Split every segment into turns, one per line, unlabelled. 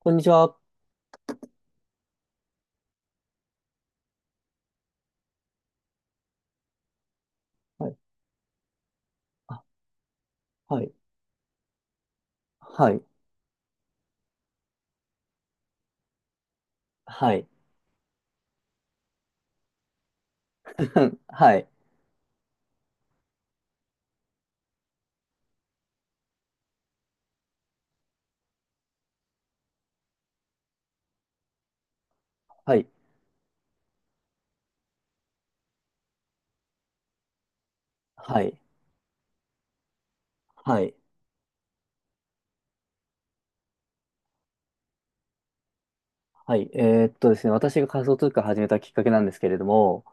こんにちは。はい。はい。はい。はい。はい。はい。はい。はい。はい。えーっとですね、私が仮想通貨を始めたきっかけなんですけれども、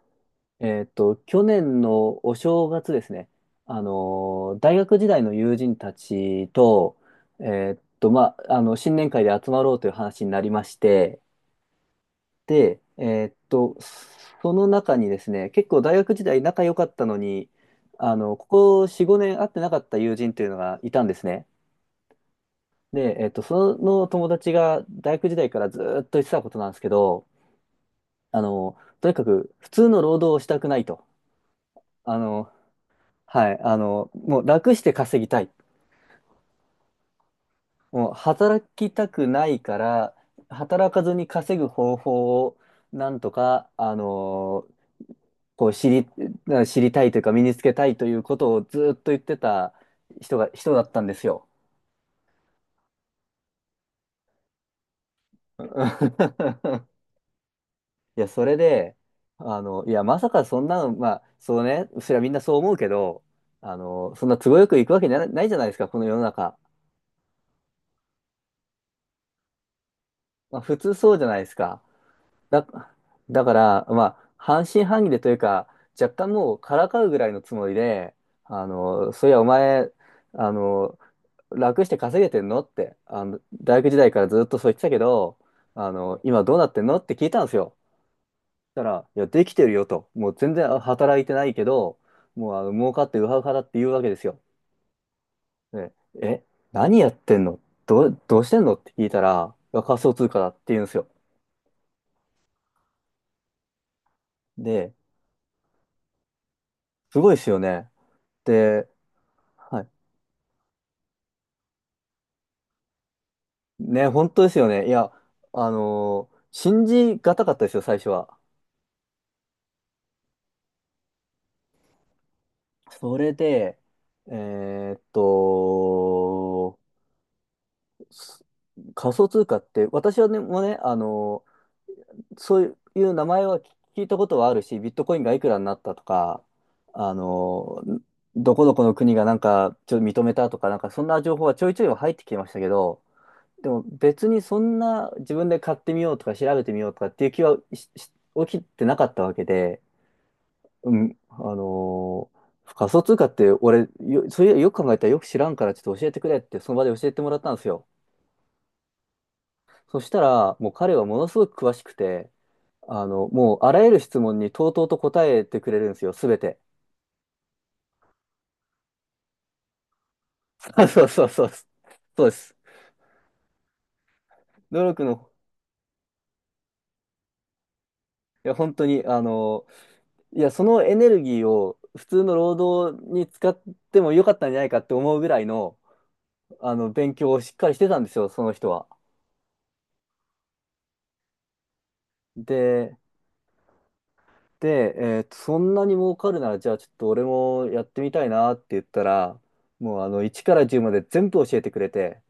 去年のお正月ですね、大学時代の友人たちと、え新年会で集まろうという話になりまして、で、その中にですね、結構大学時代仲良かったのに、ここ4、5年会ってなかった友人というのがいたんですね。で、その友達が大学時代からずーっと言ってたことなんですけど、とにかく普通の労働をしたくないと。あの、はい、もう楽して稼ぎたい。もう働きたくないから、働かずに稼ぐ方法をなんとか、こう知り、知りたいというか身につけたいということをずーっと言ってた人だったんですよ。いや、それで、いや、まさかそんなの、まあ、そうね、それはみんなそう思うけど、そんな都合よくいくわけな、ないじゃないですか、この世の中。まあ、普通そうじゃないですか。だ、だから、まあ、半信半疑でというか、若干もうからかうぐらいのつもりで、そういや、お前、あの、楽して稼げてんのって、大学時代からずっとそう言ってたけど、今どうなってんのって聞いたんですよ。たら、いや、できてるよと。もう全然働いてないけど、もう儲かってウハウハだって言うわけですよ。ね、え、何やってんのどうしてんのって聞いたら、いや仮想通貨だって言うんですよ。で、すごいですよね。で、はい。ね、本当ですよね。いや、信じがたかったですよ、最初は。それで、えーっと、す仮想通貨って、私はね、もうね、そういう名前は聞いたことはあるし、ビットコインがいくらになったとか、あの、どこどこの国がなんかちょっと認めたとか、なんかそんな情報はちょいちょいは入ってきてましたけど、でも別にそんな自分で買ってみようとか調べてみようとかっていう気はし起きてなかったわけで、うん、仮想通貨って俺、そういうよく考えたらよく知らんからちょっと教えてくれってその場で教えてもらったんですよ。そしたらもう彼はものすごく詳しくて、もう、あらゆる質問にとうとうと答えてくれるんですよ、すべて。そうそうそう、そうです。努力の、いや、本当に、いや、そのエネルギーを普通の労働に使ってもよかったんじゃないかって思うぐらいの、勉強をしっかりしてたんですよ、その人は。で、で、そんなに儲かるなら、じゃあちょっと俺もやってみたいなって言ったら、もう1から10まで全部教えてくれて、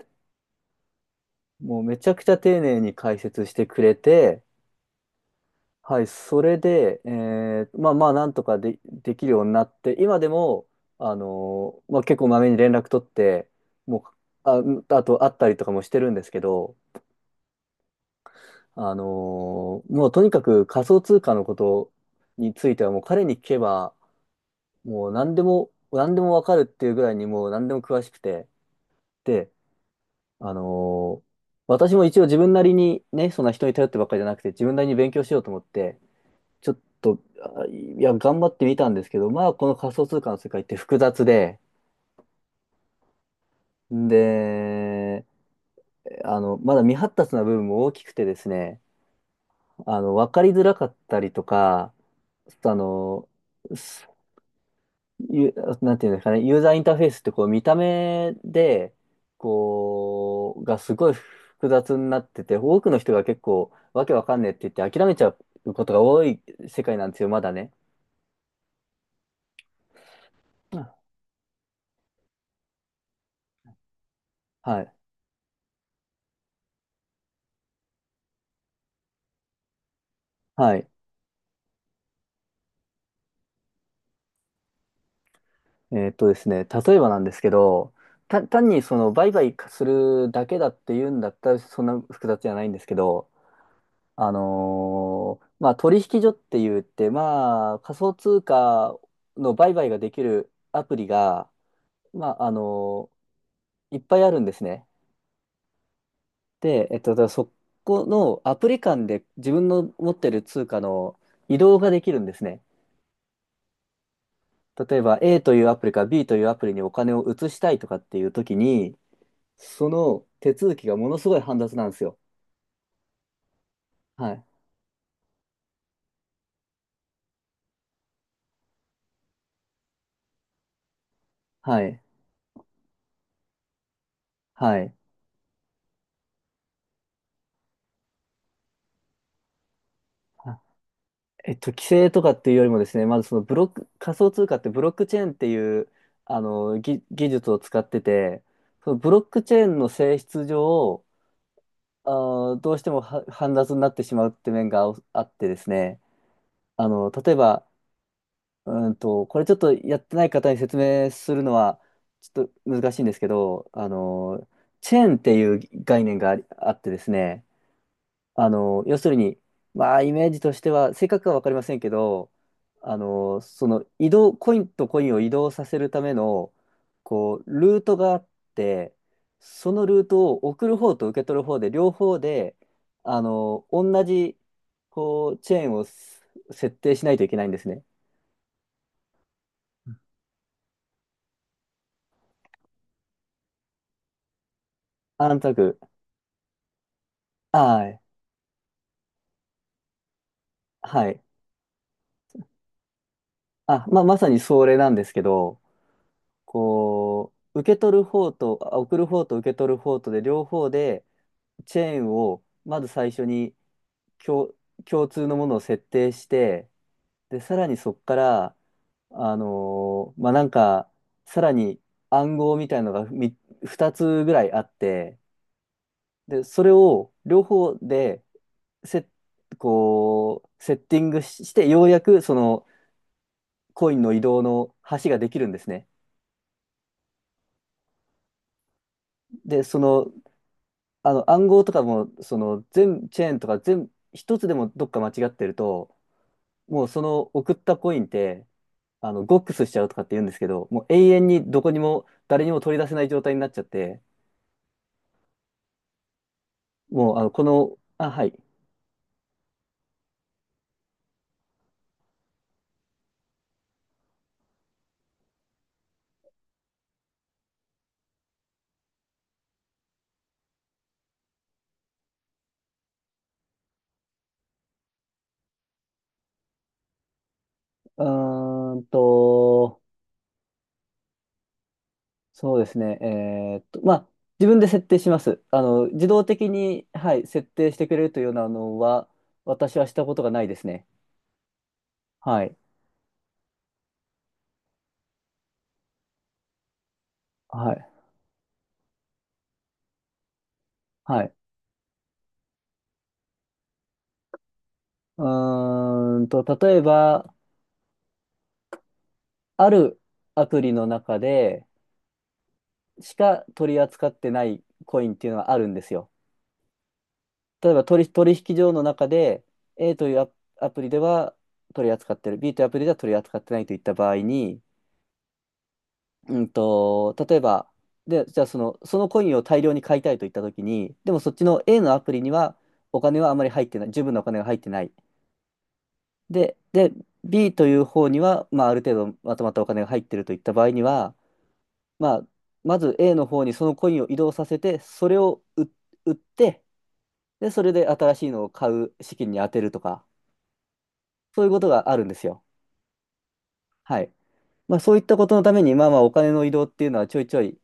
もうめちゃくちゃ丁寧に解説してくれて、はい、それで、まあまあ、なんとかで、できるようになって、今でも、まあ、結構まめに連絡取って、もう、あと会ったりとかもしてるんですけど、あのもうとにかく仮想通貨のことについては、もう彼に聞けば、もう何でも、何でもわかるっていうぐらいにもう何でも詳しくて、で、あのー私も一応自分なりにね、そんな人に頼ってばっかりじゃなくて、自分なりに勉強しようと思って、ちょっと、頑張ってみたんですけど、まあ、この仮想通貨の世界って複雑で、で、まだ未発達な部分も大きくてですね、わかりづらかったりとか、あの、すゆなんていうんですかね、ユーザーインターフェースってこう見た目で、がすごい複雑になってて、多くの人が結構わけわかんねえって言って諦めちゃうことが多い世界なんですよ、まだね。うん。はい。はい。ですね、例えばなんですけど、単にその売買するだけだっていうんだったらそんな複雑じゃないんですけど、まあ、取引所って言って、まあ、仮想通貨の売買ができるアプリが、まあ、いっぱいあるんですね。で、だからそこのアプリ間で自分の持ってる通貨の移動ができるんですね。例えば A というアプリから B というアプリにお金を移したいとかっていう時に、その手続きがものすごい煩雑なんですよ。はい。はい。はい。あ規制とかっていうよりもですね、まずそのブロック、仮想通貨ってブロックチェーンっていう、技術を使ってて、そのブロックチェーンの性質上、あどうしてもは煩雑になってしまうって面があってですね、例えば、これちょっとやってない方に説明するのは、ちょっと難しいんですけど、チェーンっていう概念があってですね、要するに、まあ、イメージとしては、正確かは分かりませんけど、あの、その移動、コインとコインを移動させるための、こう、ルートがあって、そのルートを送る方と受け取る方で、両方で、同じ、こう、チェーンを設定しないといけないんですね。安卓。はい。はい。まあ、まさにそれなんですけど、こう、受け取る方と、送る方と受け取る方とで、両方で、チェーンをまず最初に共、共通のものを設定して、で、さらにそこから、まあ、なんか、さらに暗号みたいのが2つぐらいあって、で、それを両方でセ、こう、セッティングして、ようやくそのコインの移動の橋ができるんですね。で、その、暗号とかも、その全、チェーンとか一つでもどっか間違ってると、もうその送ったコインってゴックスしちゃうとかって言うんですけど、もう永遠にどこにも、誰にも取り出せない状態になっちゃって、もう、あの、この、あ、はい。うーんと、そうですね。まあ、自分で設定します。自動的に、はい、設定してくれるというようなのは、私はしたことがないですね。はい。はい。はい。例えば、あるアプリの中でしか取り扱ってないコインっていうのはあるんですよ。例えば取引所の中で A というアプリでは取り扱ってる B というアプリでは取り扱ってないといった場合に、例えばじゃあそのコインを大量に買いたいといったときにでもそっちの A のアプリにはお金はあまり入ってない十分なお金が入ってないで、 B という方には、まあ、ある程度まとまったお金が入ってるといった場合には、まあ、まず A の方にそのコインを移動させてそれを売ってそれで新しいのを買う資金に充てるとか。そういうことがあるんですよ。はい。まあ、そういったことのために、まあまあ、お金の移動っていうのはちょいちょい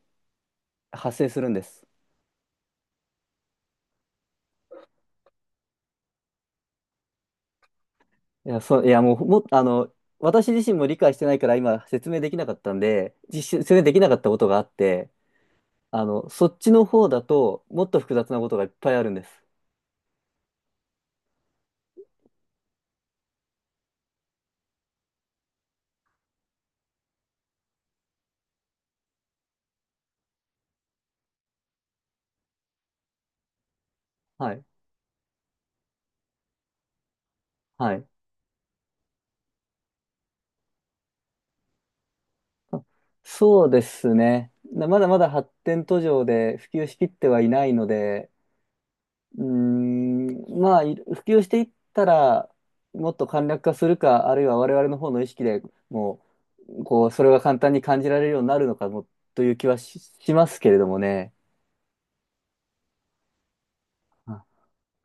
発生するんです。いや、そう、いや、もう、も、あの、私自身も理解してないから今説明できなかったんで、説明できなかったことがあって、そっちの方だと、もっと複雑なことがいっぱいあるんです。はい。はい。そうですね。まだまだ発展途上で普及しきってはいないので、うーん、まあ、普及していったら、もっと簡略化するか、あるいは我々の方の意識でもう、こう、それが簡単に感じられるようになるのかも、という気はしますけれどもね。